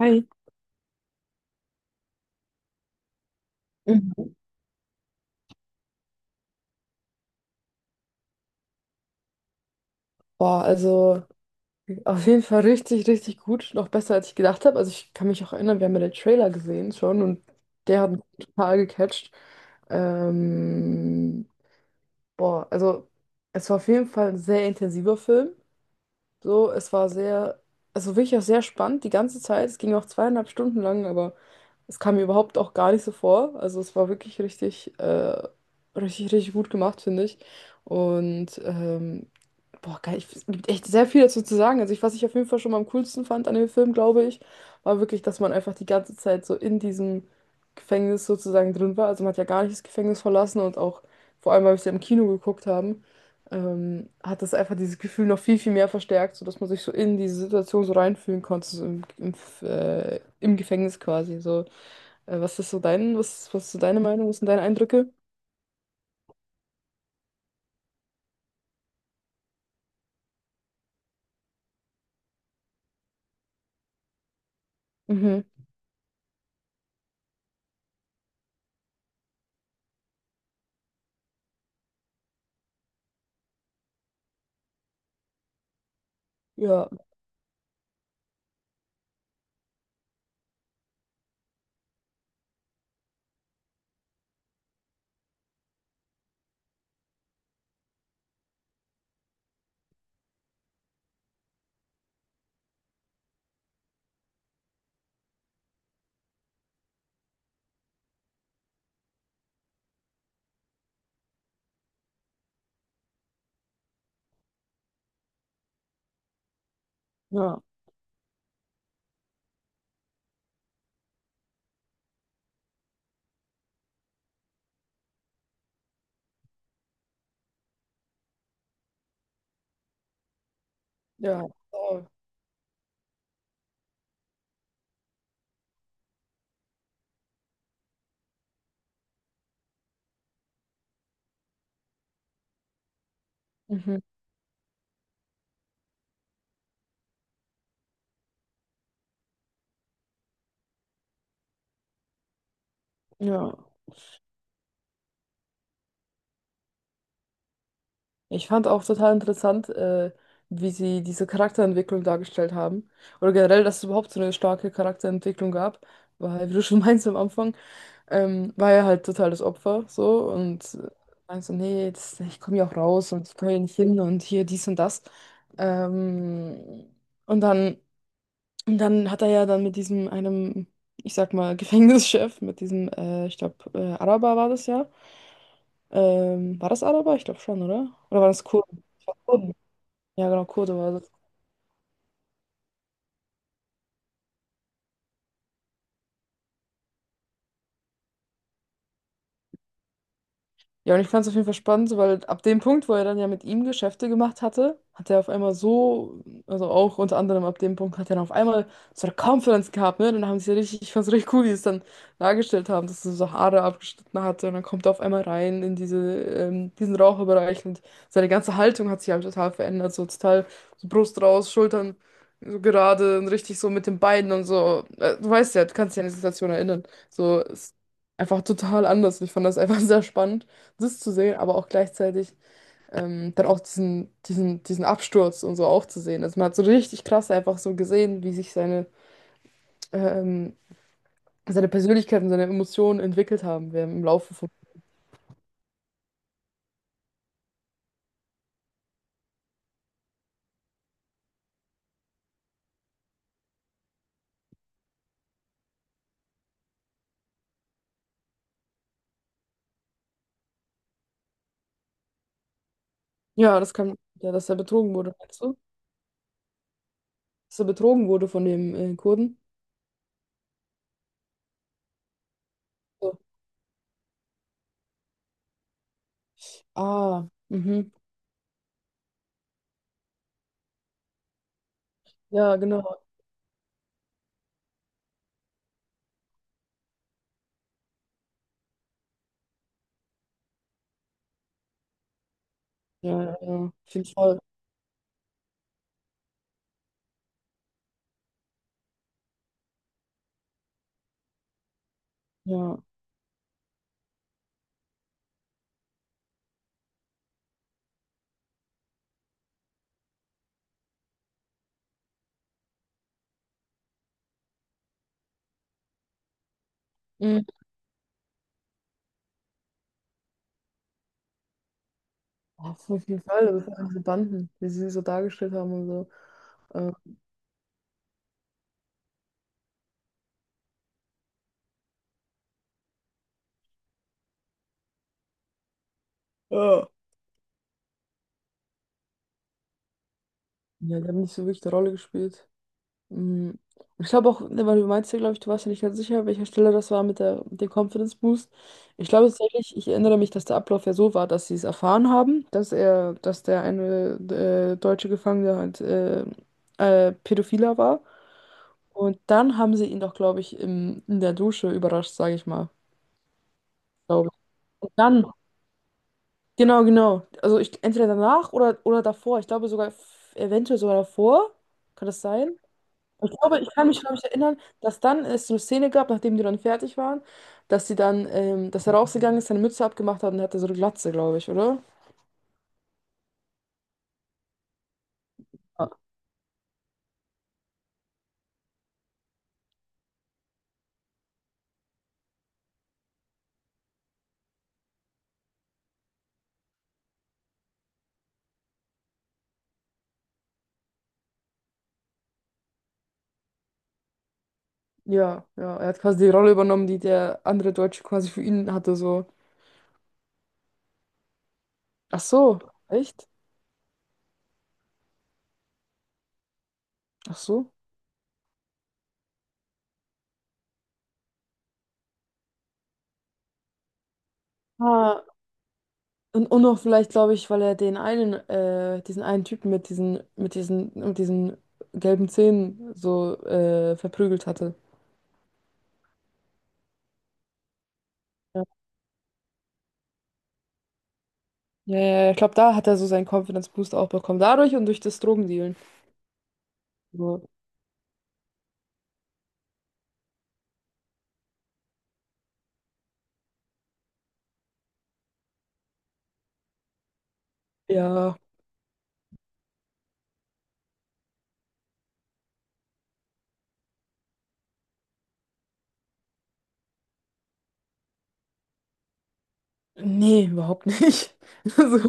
Hi. Mhm. Boah, also auf jeden Fall richtig, richtig gut. Noch besser, als ich gedacht habe. Also ich kann mich auch erinnern, wir haben ja den Trailer gesehen schon, und der hat mich total gecatcht. Ähm, Boah, also es war auf jeden Fall ein sehr intensiver Film. So, es war sehr, also wirklich auch sehr spannend die ganze Zeit. Es ging auch zweieinhalb Stunden lang, aber es kam mir überhaupt auch gar nicht so vor. Also es war wirklich richtig, richtig, richtig gut gemacht, finde ich. Und Boah, geil. Ich, es gibt echt sehr viel dazu zu sagen. Also ich, was ich auf jeden Fall schon mal am coolsten fand an dem Film, glaube ich, war wirklich, dass man einfach die ganze Zeit so in diesem Gefängnis sozusagen drin war. Also man hat ja gar nicht das Gefängnis verlassen, und auch, vor allem, weil wir es ja im Kino geguckt haben, hat das einfach dieses Gefühl noch viel, viel mehr verstärkt, sodass man sich so in diese Situation so reinfühlen konnte, so im Gefängnis quasi. So, was ist so dein, was, was ist so deine Meinung, was sind deine Eindrücke? Mhm. Ja, ja, ja. Ja. Mhm. Ja. Ich fand auch total interessant, wie sie diese Charakterentwicklung dargestellt haben. Oder generell, dass es überhaupt so eine starke Charakterentwicklung gab. Weil, wie du schon meinst am Anfang, war er halt total das Opfer so und meinst so, nee, das, ich komme hier auch raus und ich komme hier nicht hin und hier dies und das. Ähm, und dann, und dann hat er ja dann mit diesem einem, ich sag mal, Gefängnischef, mit diesem, ich glaube, Araber war das ja. War das Araber? Ich glaube schon, oder? Oder war das Kurden? Ja, genau, Kurse war. Ja, und ich fand es auf jeden Fall spannend, so, weil ab dem Punkt, wo er dann ja mit ihm Geschäfte gemacht hatte, hat er auf einmal so, also auch unter anderem ab dem Punkt hat er dann auf einmal so eine Confidence gehabt, ne? Dann haben sie ja richtig, ich fand's richtig cool, wie sie es dann dargestellt haben, dass er so Haare abgeschnitten hatte, und dann kommt er auf einmal rein in diese, diesen Raucherbereich, und seine ganze Haltung hat sich halt total verändert, so total so Brust raus, Schultern so gerade und richtig so mit den Beinen und so. Du weißt ja, du kannst dich an die Situation erinnern. So, ist einfach total anders. Ich fand das einfach sehr spannend das zu sehen, aber auch gleichzeitig dann auch diesen Absturz und so auch zu sehen. Also man hat so richtig krass einfach so gesehen, wie sich seine, ähm, seine Persönlichkeit und seine Emotionen entwickelt haben während im Laufe von. Ja, das kann, ja, dass er betrogen wurde, meinst du? Dass er betrogen wurde von dem Kurden? So. Ah, mhm. Ja, genau. Ja, ja, ja. Auf jeden Fall. Ja. Mhm. Auf jeden Fall, das sind diese Banden, wie sie sie so dargestellt haben und so. Äh, ja. Ja, die haben nicht so wirklich eine Rolle gespielt. Mhm. Und ich glaube auch, ne, weil du meinst ja, glaube ich, du warst ja nicht ganz sicher, welcher Stelle das war mit der, mit dem Confidence Boost. Ich glaube tatsächlich, ich erinnere mich, dass der Ablauf ja so war, dass sie es erfahren haben, dass er, dass der eine deutsche Gefangene halt Pädophiler war. Und dann haben sie ihn doch, glaube ich, im, in der Dusche überrascht, sage ich mal. Glaube ich. Und dann, genau, genau. Also ich, entweder danach oder davor. Ich glaube sogar, eventuell sogar davor. Kann das sein? Ich glaube, ich kann mich, glaube ich, erinnern, dass dann es so eine Szene gab, nachdem die dann fertig waren, dass sie dann, dass er rausgegangen ist, seine Mütze abgemacht hat und er hatte so eine Glatze, glaube ich, oder? Ah, ja, ja, er hat quasi die Rolle übernommen, die der andere Deutsche quasi für ihn hatte, so. Ach so, echt? Ach so. Ah, und noch vielleicht, glaube ich, weil er den einen, diesen einen Typen mit diesen, mit diesen, mit diesen gelben Zähnen so verprügelt hatte. Ja, ja, ja, ich glaube, da hat er so seinen Confidence Boost auch bekommen. Dadurch und durch das Drogendealen. So, ja, nee, überhaupt nicht. Also,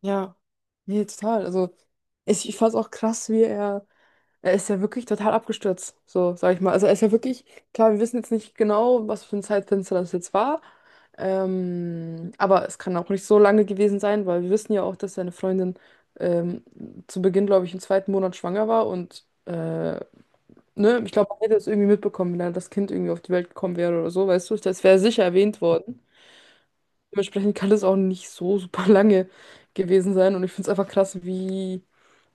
ja, nee, total. Also, ich fand es auch krass, wie er, er ist ja wirklich total abgestürzt, so, sag ich mal. Also, er ist ja wirklich, klar, wir wissen jetzt nicht genau, was für ein Zeitfenster das jetzt war. Aber es kann auch nicht so lange gewesen sein, weil wir wissen ja auch, dass seine Freundin ähm, zu Beginn, glaube ich, im zweiten Monat schwanger war und, ne, ich glaube, man hätte es irgendwie mitbekommen, wenn da das Kind irgendwie auf die Welt gekommen wäre oder so, weißt du, das wäre sicher erwähnt worden. Dementsprechend kann das auch nicht so super lange gewesen sein. Und ich finde es einfach krass, wie.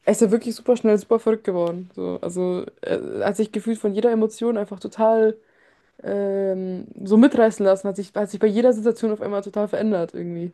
Er ist ja wirklich super schnell, super verrückt geworden. So, also er hat sich gefühlt von jeder Emotion einfach total so mitreißen lassen, hat sich bei jeder Situation auf einmal total verändert irgendwie.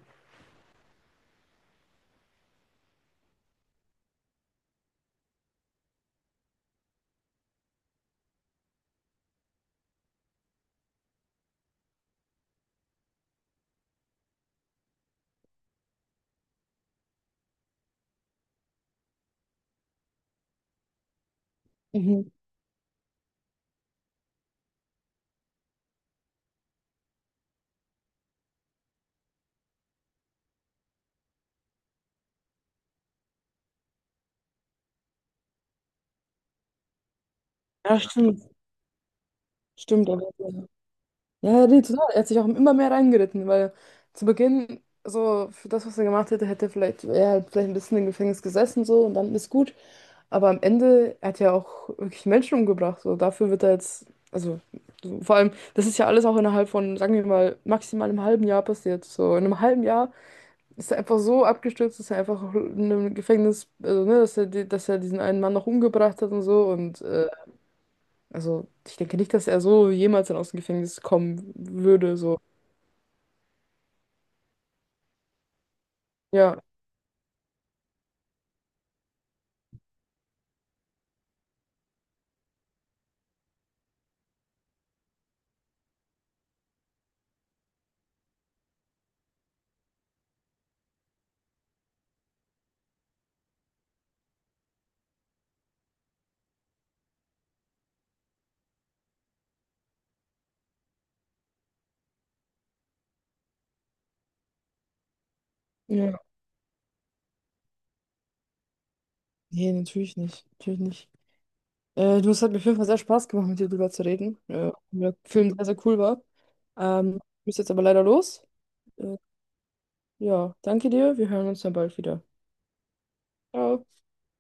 Mhm. Ja, stimmt. Stimmt. Aber, ja, ja, nee, total. Er hat sich auch immer mehr reingeritten, weil zu Beginn, so für das, was er gemacht hätte, hätte vielleicht, er hat vielleicht ein bisschen im Gefängnis gesessen so, und dann ist gut. Aber am Ende hat er auch wirklich Menschen umgebracht. So, dafür wird er jetzt, also so, vor allem, das ist ja alles auch innerhalb von, sagen wir mal, maximal einem halben Jahr passiert. So, in einem halben Jahr ist er einfach so abgestürzt, dass er einfach in einem Gefängnis, also, ne, dass er, dass er diesen einen Mann noch umgebracht hat und so. Und also ich denke nicht, dass er so jemals dann aus dem Gefängnis kommen würde. So, ja. Ja. Nee, natürlich nicht. Natürlich nicht. Du, es hat mir auf jeden Fall sehr Spaß gemacht, mit dir drüber zu reden. Der Film sehr, sehr cool war. Ich muss jetzt aber leider los. Äh, ja, danke dir. Wir hören uns dann bald wieder. Ciao.